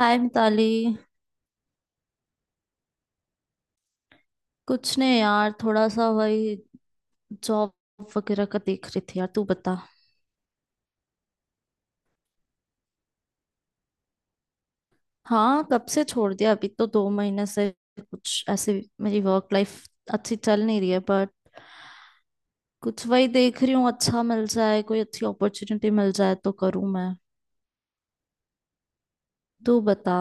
हाय मिताली। कुछ नहीं यार, थोड़ा सा वही जॉब वगैरह का देख रही थी। यार तू बता। हाँ, कब से छोड़ दिया, अभी तो दो महीने से। कुछ ऐसे मेरी वर्क लाइफ अच्छी चल नहीं रही है बट कुछ वही देख रही हूँ, अच्छा मिल जाए, कोई अच्छी अपॉर्चुनिटी मिल जाए तो करूँ मैं। तू बता।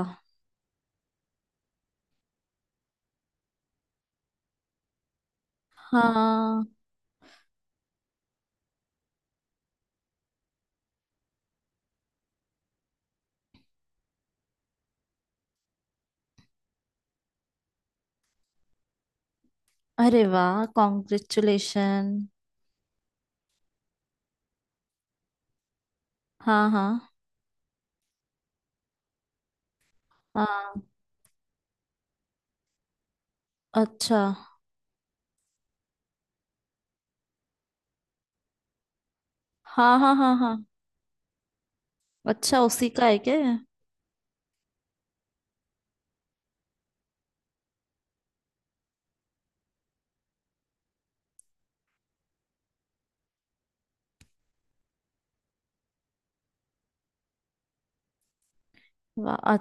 हाँ, अरे वाह, कॉन्ग्रेचुलेशन। हाँ, हाँ, हाँ। अच्छा। हाँ, हाँ, हाँ, हाँ। अच्छा, उसी का है क्या ये? वाह।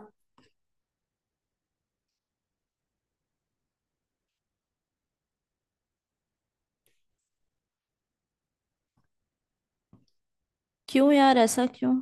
क्यों यार, ऐसा क्यों।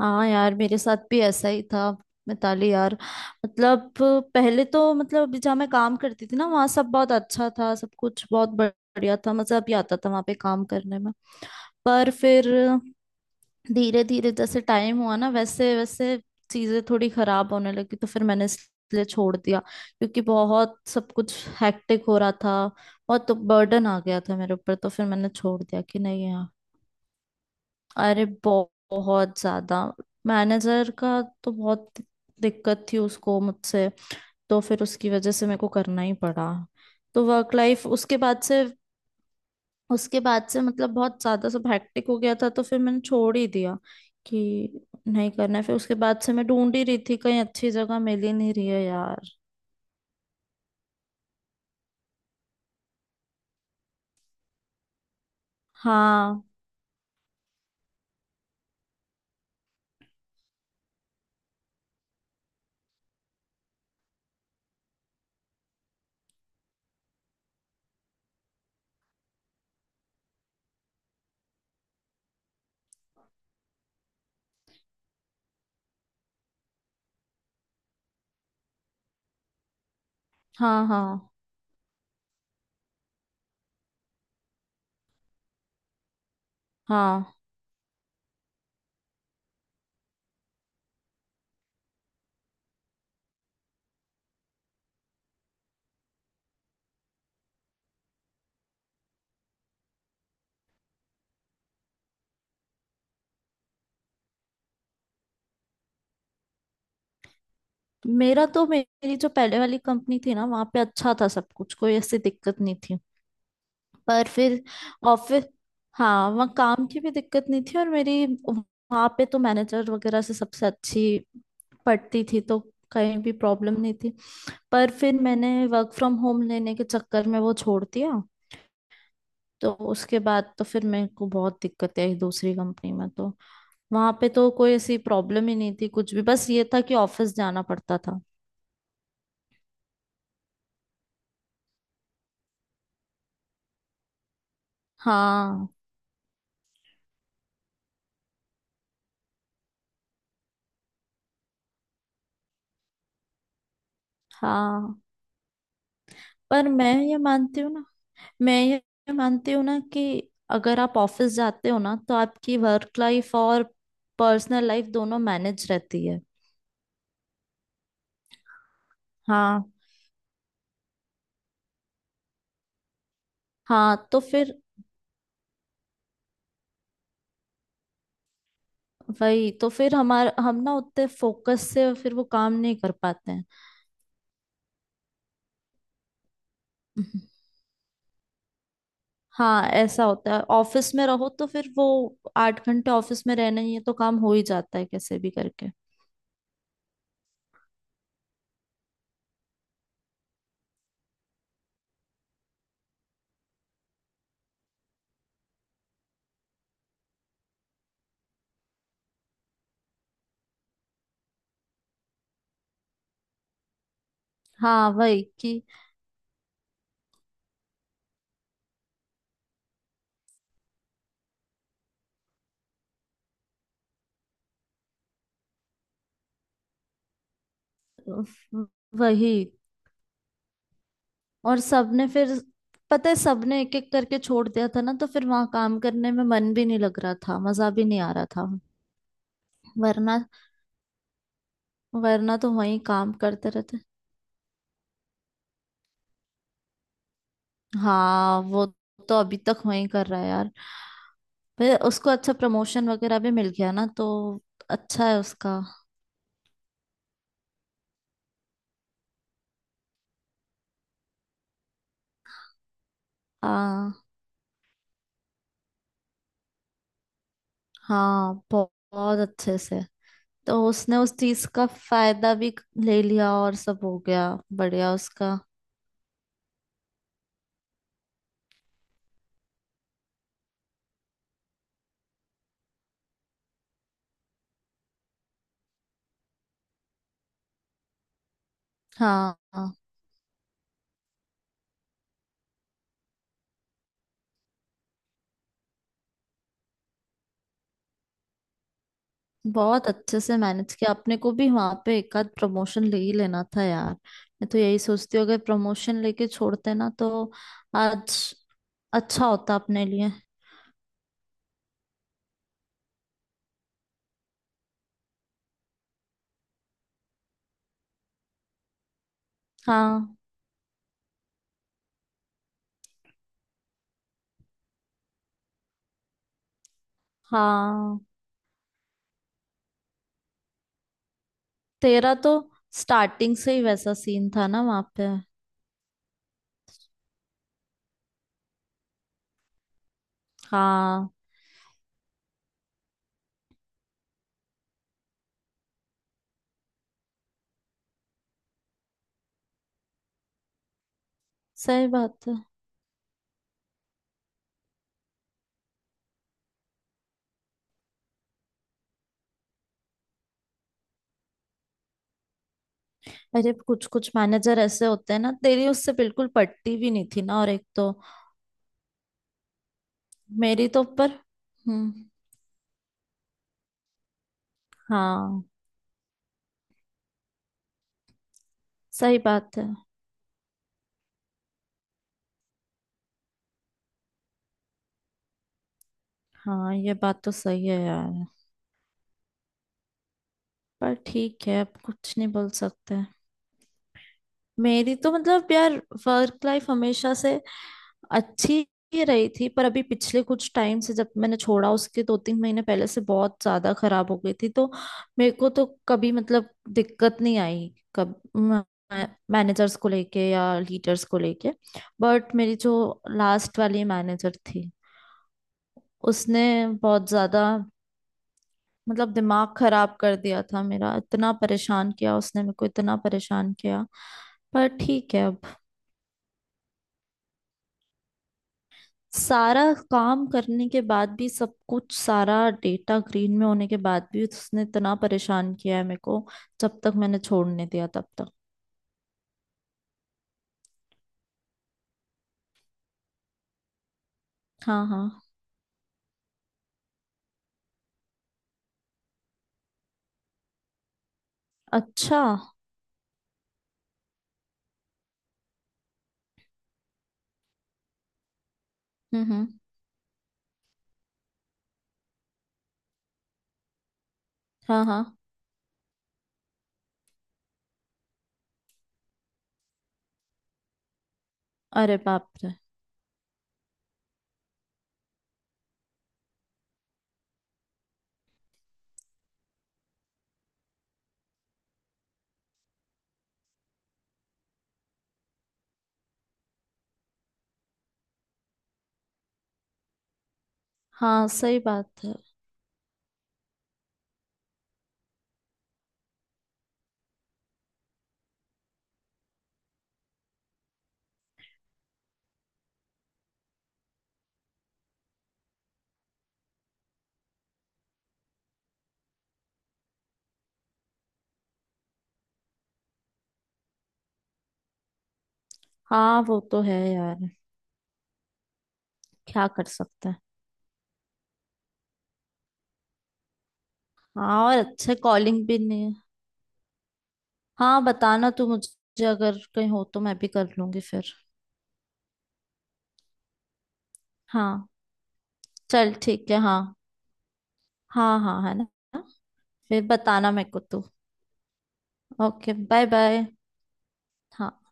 हाँ यार, मेरे साथ भी ऐसा ही था मिताली यार। मतलब पहले तो, मतलब अभी जहाँ मैं काम करती थी ना, वहाँ सब बहुत अच्छा था, सब कुछ बहुत बढ़िया था, मजा भी आता था वहाँ पे काम करने में। पर फिर धीरे धीरे जैसे टाइम हुआ ना, वैसे वैसे चीजें थोड़ी खराब होने लगी, तो फिर मैंने इसलिए छोड़ दिया क्योंकि बहुत सब कुछ हैक्टिक हो रहा था। बहुत तो बर्डन आ गया था मेरे ऊपर, तो फिर मैंने छोड़ दिया कि नहीं। अरे बहुत ज्यादा। मैनेजर का तो बहुत दिक्कत थी उसको मुझसे, तो फिर उसकी वजह से मेरे को करना ही पड़ा। तो वर्क लाइफ उसके बाद से, उसके बाद से मतलब बहुत ज्यादा सब हैक्टिक हो गया था, तो फिर मैंने छोड़ ही दिया कि नहीं करना है। फिर उसके बाद से मैं ढूंढ ही रही थी, कहीं अच्छी जगह मिल ही नहीं रही है यार। हाँ, हाँ, हाँ, हाँ। मेरा तो, मेरी जो पहले वाली कंपनी थी ना, वहां पे अच्छा था सब कुछ, कोई ऐसी दिक्कत नहीं थी। पर फिर ऑफिस। हाँ, वहाँ काम की भी दिक्कत नहीं थी, और मेरी वहाँ पे तो मैनेजर वगैरह से सबसे अच्छी पड़ती थी, तो कहीं भी प्रॉब्लम नहीं थी। पर फिर मैंने वर्क फ्रॉम होम लेने के चक्कर में वो छोड़ दिया। तो उसके बाद तो फिर मेरे को बहुत दिक्कतें आई दूसरी कंपनी में। तो वहाँ पे तो कोई ऐसी प्रॉब्लम ही नहीं थी कुछ भी, बस ये था कि ऑफिस जाना पड़ता था। हाँ। हाँ। पर मैं ये मानती हूँ ना, मैं ये मानती हूँ ना कि अगर आप ऑफिस जाते हो ना, तो आपकी वर्क लाइफ और पर्सनल लाइफ दोनों मैनेज रहती है। हाँ। हाँ, तो फिर वही, तो फिर हमारा, हम ना उतने फोकस से फिर वो काम नहीं कर पाते हैं। हम्म। हाँ, ऐसा होता है, ऑफिस में रहो तो फिर वो आठ घंटे ऑफिस में रहना ही है, तो काम हो ही जाता है कैसे भी करके। हाँ वही कि, वही। और सबने फिर, पता है सबने एक एक करके छोड़ दिया था ना, तो फिर वहां काम करने में मन भी नहीं लग रहा था, मजा भी नहीं आ रहा था। वरना, वरना तो वहीं काम करते रहते। हाँ वो, तो अभी तक वहीं कर रहा है यार, फिर उसको अच्छा प्रमोशन वगैरह भी मिल गया ना, तो अच्छा है उसका। आ, हाँ बहुत, बहुत अच्छे से। तो उसने उस चीज का फायदा भी ले लिया और सब हो गया। बढ़िया उसका। हाँ बहुत अच्छे से मैनेज किया। अपने को भी वहां पे एक आध प्रमोशन ले ही लेना था यार, मैं तो यही सोचती हूँ, अगर प्रमोशन लेके छोड़ते ना, तो आज अच्छा होता अपने लिए। हाँ। हाँ, तेरा तो स्टार्टिंग से ही वैसा सीन था ना वहां पे। हाँ। सही बात है। अरे कुछ कुछ मैनेजर ऐसे होते हैं ना, तेरी उससे बिल्कुल पटती भी नहीं थी ना, और एक तो मेरी तो ऊपर। हम्म। हाँ। सही बात है। हाँ ये बात तो सही है यार। पर ठीक है, अब कुछ नहीं बोल सकते। मेरी तो मतलब यार, वर्क लाइफ हमेशा से अच्छी ही रही थी, पर अभी पिछले कुछ टाइम से, जब मैंने छोड़ा उसके दो तीन महीने पहले से बहुत ज्यादा खराब हो गई थी। तो मेरे को तो कभी मतलब दिक्कत नहीं आई कब, मैनेजर्स को लेके या लीडर्स को लेके। बट मेरी जो लास्ट वाली मैनेजर थी, उसने बहुत ज्यादा, मतलब दिमाग खराब कर दिया था मेरा। इतना परेशान किया उसने मेरे को, इतना परेशान किया। पर ठीक है अब। सारा काम करने के बाद भी, सब कुछ सारा डेटा ग्रीन में होने के बाद भी, उसने इतना परेशान किया है मेरे को जब तक मैंने छोड़ने दिया तब तक। हाँ, हाँ। अच्छा। हम्म, हम्म। हाँ, हाँ। अरे बाप रे। हाँ सही बात है। हाँ वो तो है यार, क्या कर सकते हैं। हाँ, और अच्छे कॉलिंग भी नहीं। हाँ बताना तू मुझे, अगर कहीं हो तो मैं भी कर लूंगी फिर। हाँ, चल ठीक है। हाँ, हाँ, हाँ, है ना। फिर बताना मेरे को तू। Okay, bye bye. हाँ।